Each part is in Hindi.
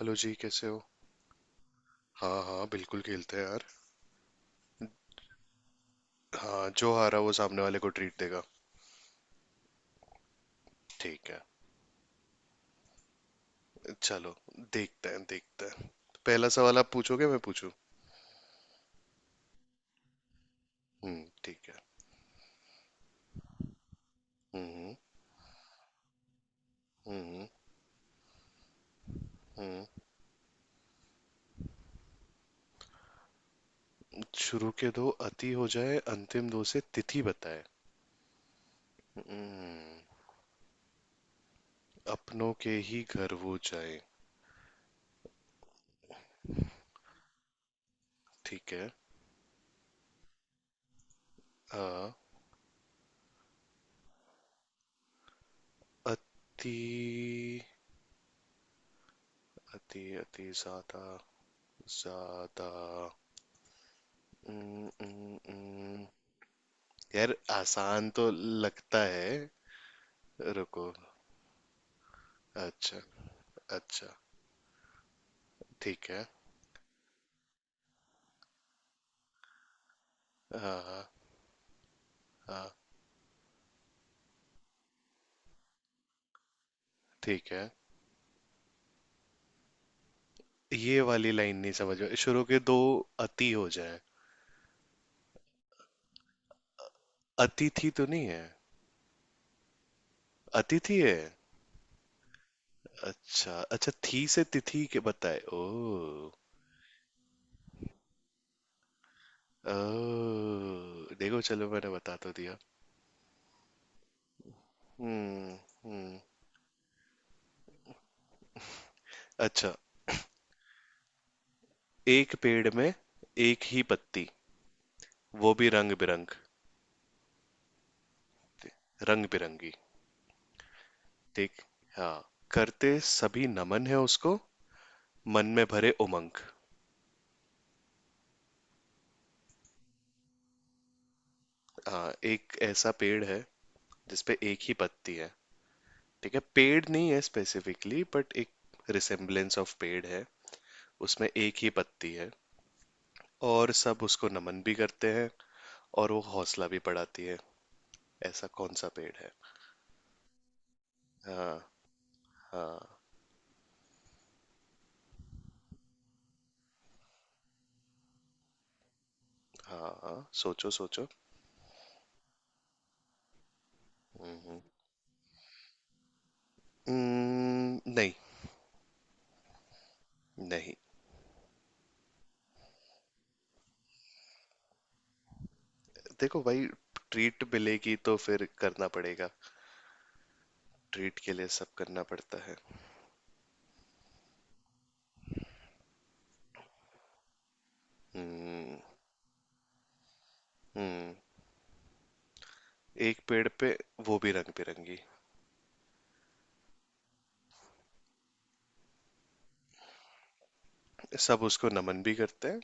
हेलो जी, कैसे हो? हाँ हाँ, बिल्कुल खेलते हैं यार। हाँ, जो हारा वो सामने वाले को ट्रीट देगा। ठीक है। चलो। देखते हैं, देखते हैं। पहला सवाल आप पूछोगे मैं पूछूं? हम्म, ठीक है। हम्म। हम्म। हम्म। शुरू के दो अति हो जाए, अंतिम दो से तिथि बताए। हम्म। अपनों के ही घर वो जाए। ठीक है। हाँ। अति। अति, अति ज्यादा। ज्यादा। हम्म। यार आसान तो लगता है। रुको। अच्छा। अच्छा। ठीक है। हाँ हाँ। हाँ। ठीक है। ये वाली लाइन नहीं समझ में, शुरू के दो। अति हो जाए। अतिथि तो नहीं है? अतिथि है। अच्छा अच्छा, थी से तिथि के बताए। ओ। ओ देखो, चलो मैंने बता तो दिया। हम्म। हम्म। अच्छा। एक पेड़ में एक ही पत्ती। वो भी रंग बिरंग। रंग बिरंगी। देख। हाँ, करते सभी नमन है उसको। मन में भरे उमंग। हाँ, एक ऐसा पेड़ है जिसपे एक ही पत्ती है। ठीक है, पेड़ नहीं है स्पेसिफिकली बट एक रिसेम्बलेंस ऑफ पेड़ है। उसमें एक ही पत्ती है। और सब उसको नमन भी करते हैं। और वो हौसला भी बढ़ाती है। ऐसा कौन सा पेड़ है? हाँ हाँ। हाँ हाँ, सोचो सोचो। हम्म। नहीं। नहीं। देखो भाई। ट्रीट मिलेगी तो फिर करना पड़ेगा। ट्रीट के लिए सब करना पड़ता है। हम्म। हम्म। एक पेड़ पे। वो भी रंग बिरंगी। सब उसको नमन भी करते हैं।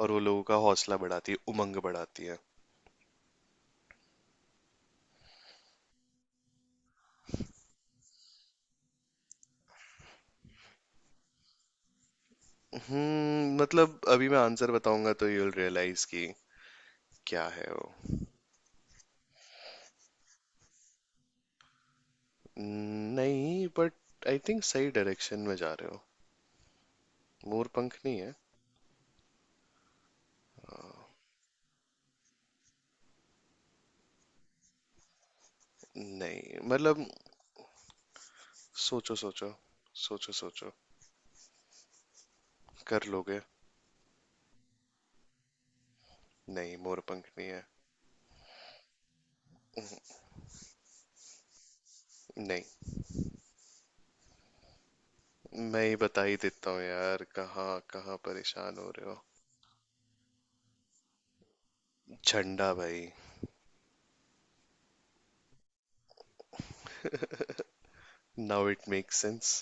और वो लोगों का हौसला बढ़ाती है, उमंग बढ़ाती है। मतलब अभी मैं आंसर बताऊंगा तो यू विल रियलाइज कि क्या है वो। नहीं बट आई थिंक सही डायरेक्शन में जा रहे हो। मोरपंख नहीं है। नहीं मतलब। सोचो सोचो। सोचो सोचो। कर लोगे। नहीं, मोरपंख नहीं है। नहीं। मैं ही बता ही देता हूँ यार, कहाँ कहाँ परेशान हो रहे हो। झंडा भाई। Now it make sense.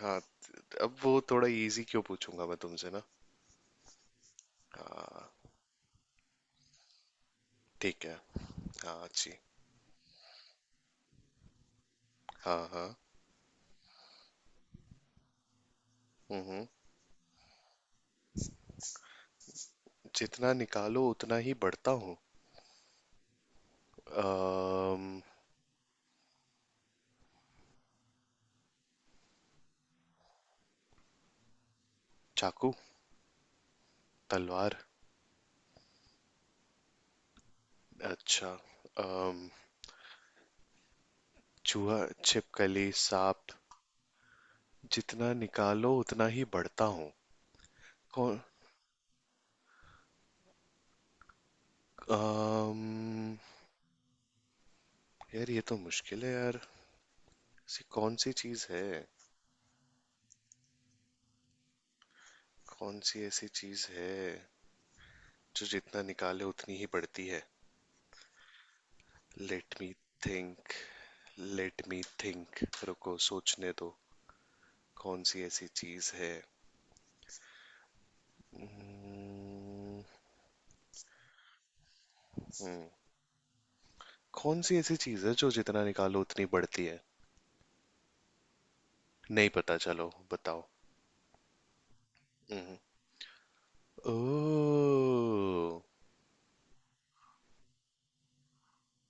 हाँ। अब वो थोड़ा इजी क्यों पूछूंगा मैं तुमसे ना? हाँ। ठीक है। हाँ अच्छी। हाँ हाँ। हम्म। हम्म। जितना निकालो उतना ही बढ़ता हूँ। अम्म, चाकू। तलवार। अच्छा। अम्म, चूहा। छिपकली, सांप। जितना निकालो उतना ही बढ़ता हूँ? कौन। अम्म, यार ये तो मुश्किल है यार। ऐसी कौन सी चीज है? कौन सी ऐसी चीज है जो जितना निकाले उतनी ही बढ़ती है? Let me think let me think रुको सोचने दो। कौन सी ऐसी चीज है? Hmm, hmm. कौन सी ऐसी चीज है जो जितना निकालो उतनी बढ़ती है? नहीं पता, चलो बताओ। हम्म। ओह।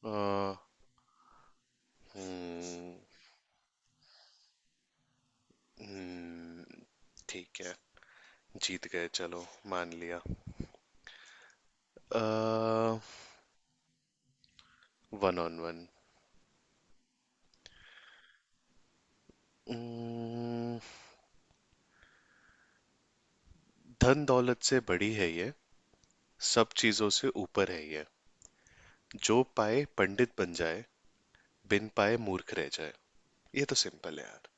आ। हम्म। हम्म। ठीक है। जीत गए चलो। मान लिया। One on one. उम्म, धन दौलत से बड़ी है ये। सब चीजों से ऊपर है ये। जो पाए पंडित बन जाए। बिन पाए मूर्ख रह जाए। ये तो सिंपल है यार।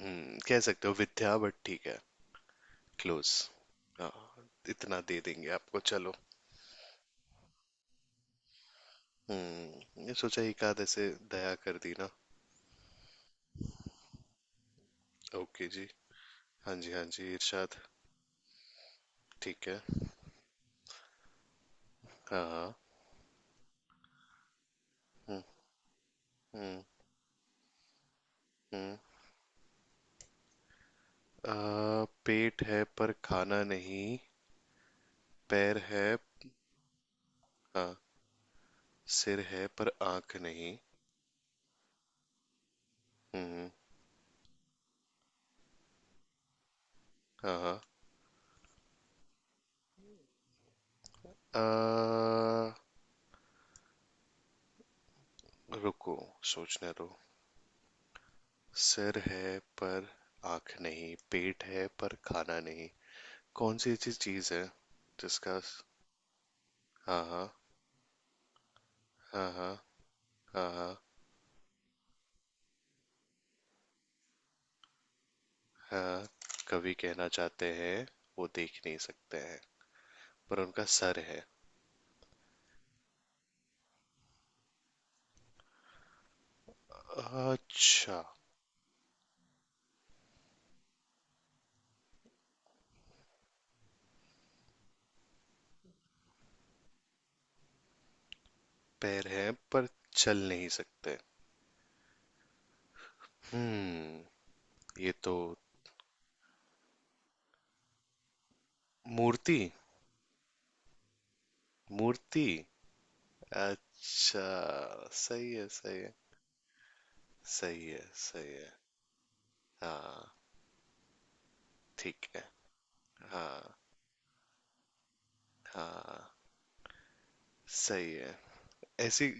कह सकते हो विद्या बट ठीक है। क्लोज। हाँ। इतना दे देंगे आपको, चलो। ये सोचा एक आध ऐसे। दया कर दी ना? ओके जी। हाँ जी हाँ जी, इरशाद। ठीक है। हाँ हाँ। हम्म। हम्म। हम्म। पेट है पर खाना नहीं, पैर है। हाँ। सिर है पर आंख नहीं। हम्म। हाँ हाँ। अ, रुको, सोचने दो। सिर है पर आंख नहीं, पेट है पर खाना नहीं। कौन सी ऐसी चीज है जिसका? हाँ हाँ। हाँ हाँ। हाँ। हाँ हाँ। कवि कहना चाहते हैं। वो देख नहीं सकते हैं। पर उनका सर है। अच्छा। पैर है पर चल नहीं सकते। हम्म। ये तो। मूर्ति। मूर्ति। अच्छा। सही है सही है। सही है सही है। हाँ। ठीक है। हाँ। हाँ। सही है। ऐसी।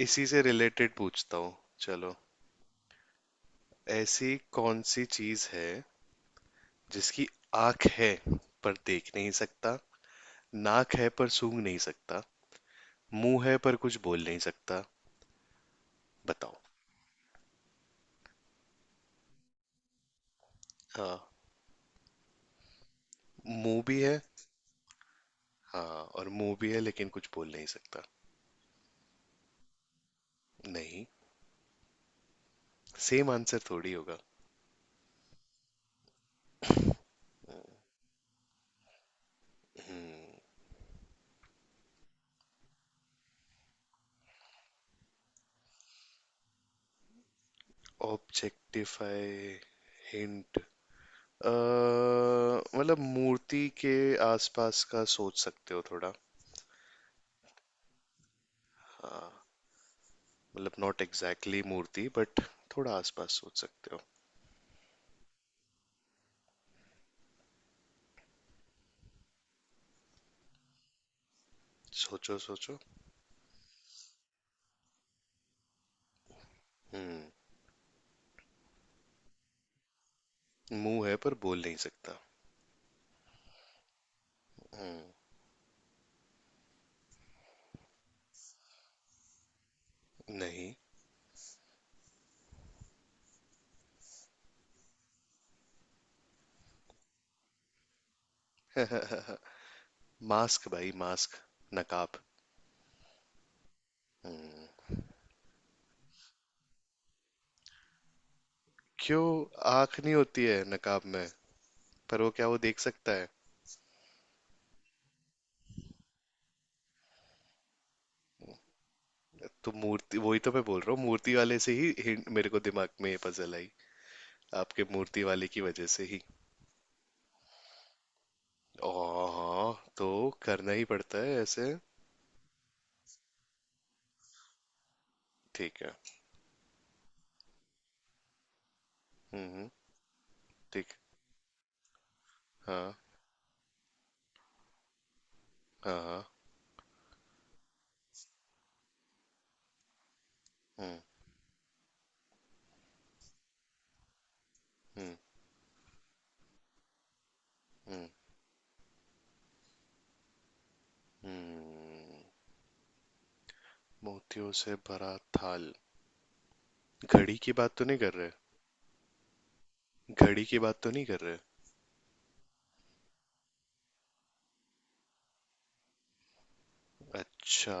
इसी से रिलेटेड पूछता हूँ। चलो। ऐसी कौन सी चीज है जिसकी आंख है पर देख नहीं सकता? नाक है पर सूंघ नहीं सकता। मुंह है पर कुछ बोल नहीं सकता। बताओ। हाँ। मुंह भी है। हाँ और मुंह भी है लेकिन कुछ बोल नहीं सकता। नहीं। सेम आंसर थोड़ी होगा। ऑब्जेक्टिफाई? हिंट। मतलब मूर्ति के आसपास का सोच सकते हो थोड़ा। हाँ। मतलब नॉट एग्जैक्टली मूर्ति बट थोड़ा आसपास सोच सकते हो। सोचो सोचो। हम्म। मुंह है पर बोल नहीं सकता। हम्म। नहीं। मास्क भाई, मास्क। नकाब। क्यों? आंख नहीं होती है नकाब में। पर वो क्या वो देख सकता है? तो मूर्ति वही तो मैं बोल रहा हूँ, मूर्ति वाले से ही hint मेरे को दिमाग में ये पजल आई। आपके मूर्ति वाले की वजह से ही। ओ। हाँ तो। करना ही पड़ता है ऐसे। ठीक है। हम्म। ठीक। हाँ। हाँ। हाँ। हम्म। हम्म। हम्म। हम्म। मोतियों से भरा थाल। घड़ी की बात तो नहीं कर रहे? घड़ी की बात तो नहीं कर रहे? अच्छा।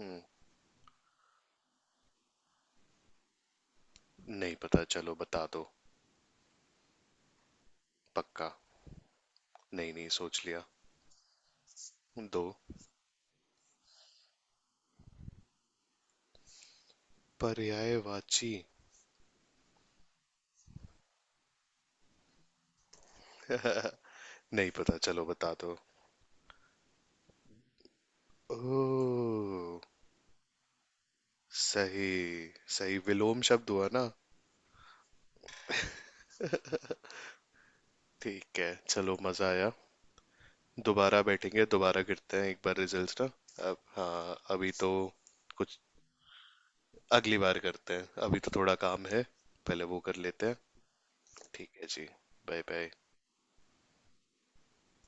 हम्म। नहीं पता, चलो बता दो। पक्का। नहीं नहीं, सोच लिया। दो। पर्यायवाची? नहीं पता, चलो बता दो। ओ। सही। सही विलोम शब्द हुआ ना? ठीक है, चलो मजा आया। दोबारा बैठेंगे, दोबारा करते हैं एक बार रिजल्ट्स ना। अब हाँ अभी तो। कुछ। अगली बार करते हैं, अभी तो थोड़ा काम है। पहले वो कर लेते हैं। ठीक है जी। Bye bye.